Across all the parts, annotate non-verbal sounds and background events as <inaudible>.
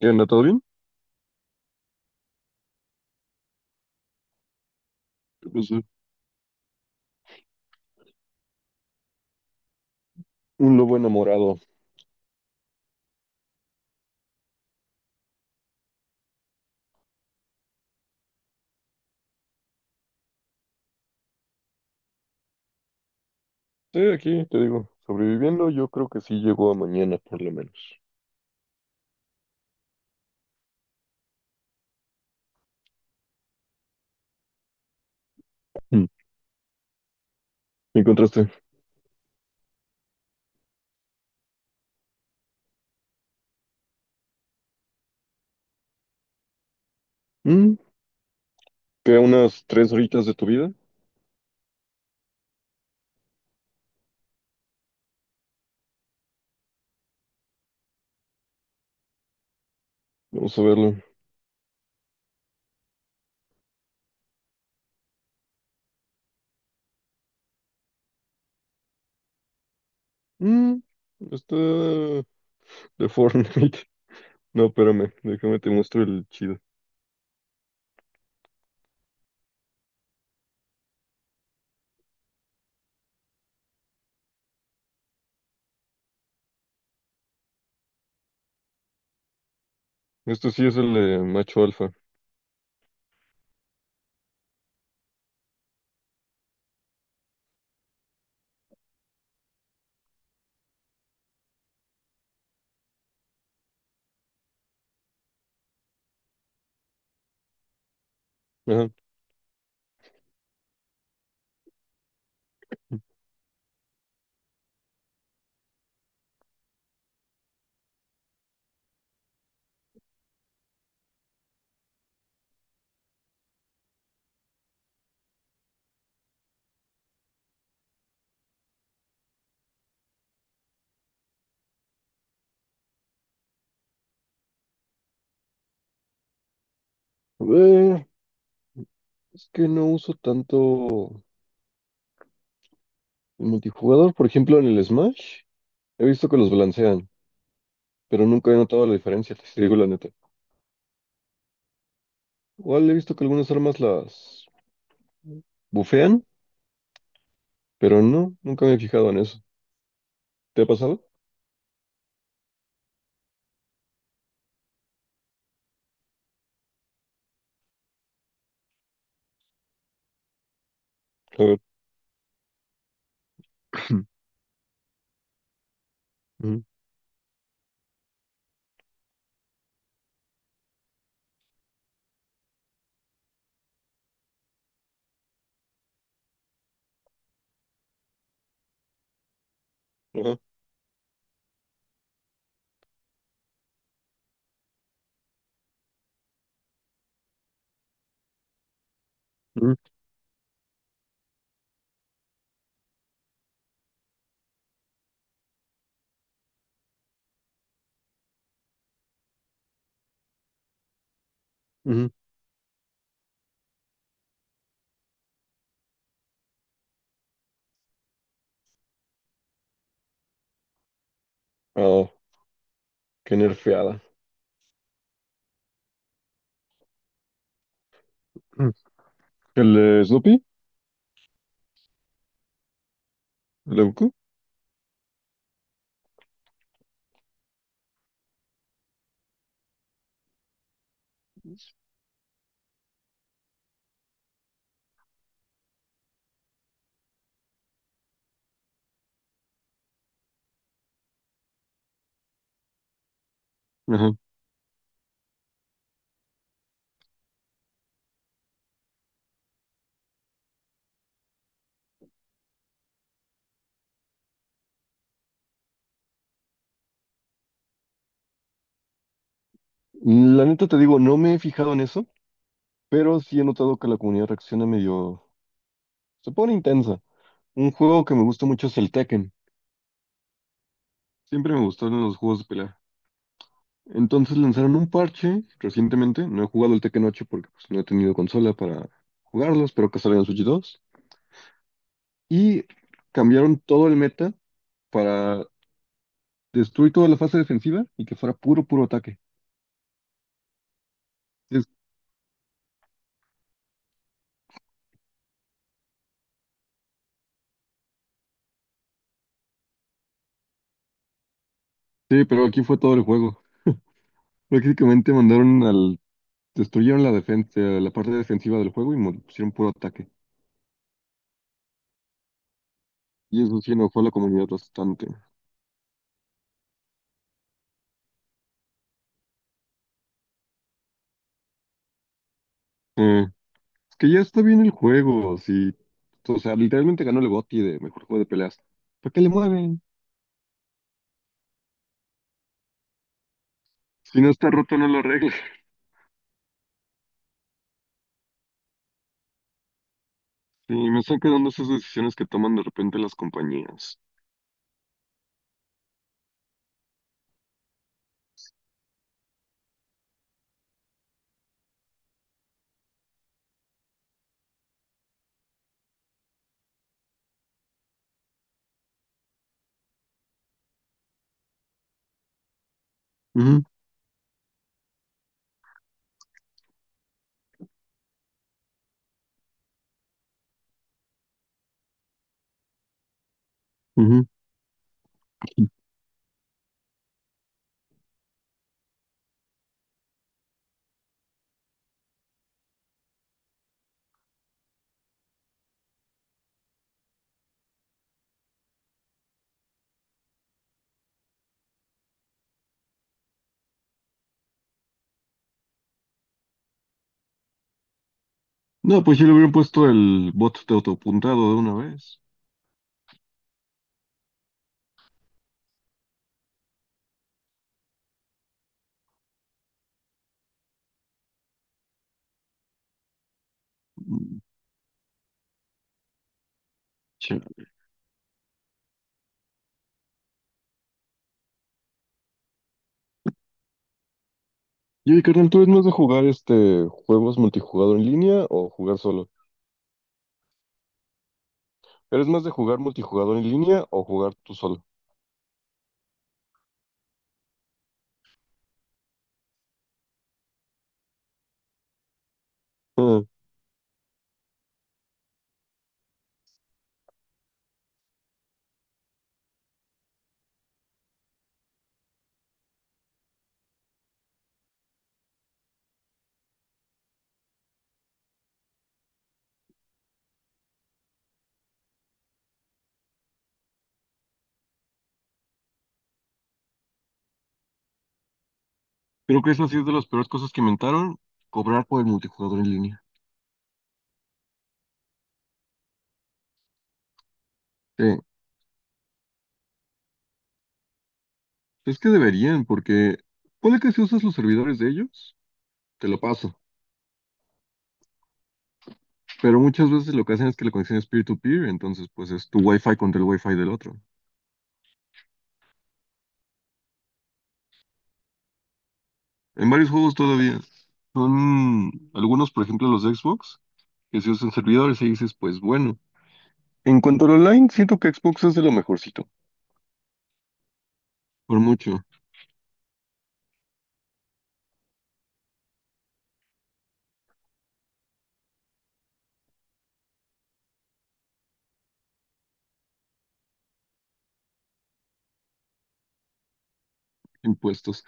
¿Qué onda? ¿Todo bien? ¿Qué pasó? Un lobo enamorado. Sí, aquí te digo, sobreviviendo, yo creo que sí llegó a mañana, por lo menos. Mm. ¿Me encontraste? Mm, ¿Qué, unas tres horitas de tu vida? Vamos a verlo. Mm, está de Fortnite. <laughs> No, espérame, déjame te muestro el chido. Esto sí es el de macho alfa. Ajá. Eh, es que no uso tanto el multijugador. Por ejemplo, en el Smash, he visto que los balancean, pero nunca he notado la diferencia, te digo la neta. Igual he visto que algunas armas las bufean, pero no, nunca me he fijado en eso. ¿Te ha pasado? A ver. <clears throat> Ujú, ajá, ujú, ujú. Ah, qué nerfeada. Ujú. ¿El Snoopy? ¿El de Goku? Ajá. La neta te digo, no me he fijado en eso, pero sí he notado que la comunidad reacciona medio... Se pone intensa. Un juego que me gusta mucho es el Tekken. Siempre me gustaron los juegos de pelea. Entonces lanzaron un parche recientemente. No he jugado el Tekken 8 porque pues, no he tenido consola para jugarlos, pero que salga en Switch 2. Y cambiaron todo el meta para destruir toda la fase defensiva y que fuera puro ataque. Es- Sí, pero aquí fue todo el juego. Prácticamente mandaron al... Destruyeron la defensa, la parte defensiva del juego y pusieron puro ataque. Y eso sí enojó a la comunidad bastante. Eh, es que ya está bien el juego, sí. O sea, literalmente ganó el GOTY de mejor juego de peleas. ¿Para qué le mueven? Si no está roto, no lo arregles. Sí, <laughs> me están quedando esas decisiones que toman de repente las compañías. Ujú, ujú. No, pues yo le hubieran puesto el bot de autopuntado de una vez. Mm, Chale. Yo, carnal, ¿tú eres más de jugar juegos multijugador en línea o jugar solo? ¿Eres más de jugar multijugador en línea o jugar tú solo? <laughs> Ah, creo que eso ha sido de las peores cosas que inventaron, cobrar por el multijugador en línea. Sí, es que deberían, porque puede que si usas los servidores de ellos, te lo paso. Pero muchas veces lo que hacen es que la conexión es peer-to-peer, entonces pues es tu wifi contra el wifi del otro. En varios juegos todavía. Son algunos, por ejemplo, los de Xbox, que se usan servidores y dices, pues bueno. En cuanto al online, siento que Xbox es de lo mejorcito. Por mucho. Impuestos.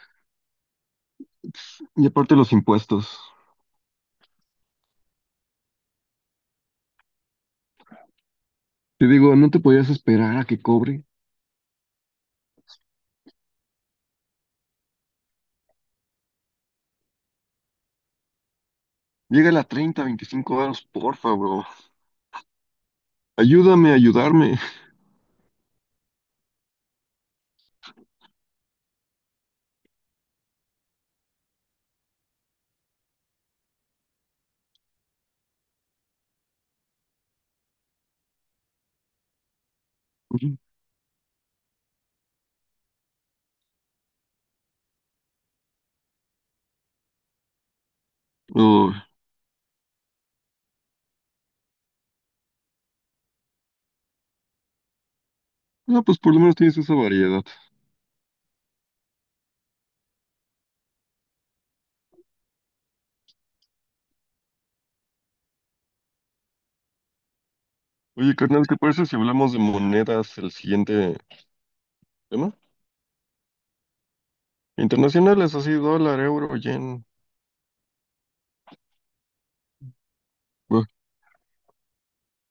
Y aparte los impuestos. Te digo, no te podías esperar a que cobre. Llega a 30, 25 euros, porfa, bro. Ayúdame a ayudarme. <laughs> Oh, ah, pues por lo menos tienes esa variedad. Oye, carnal, ¿te parece si hablamos de monedas el siguiente tema? Internacionales, así, dólar, euro, yen.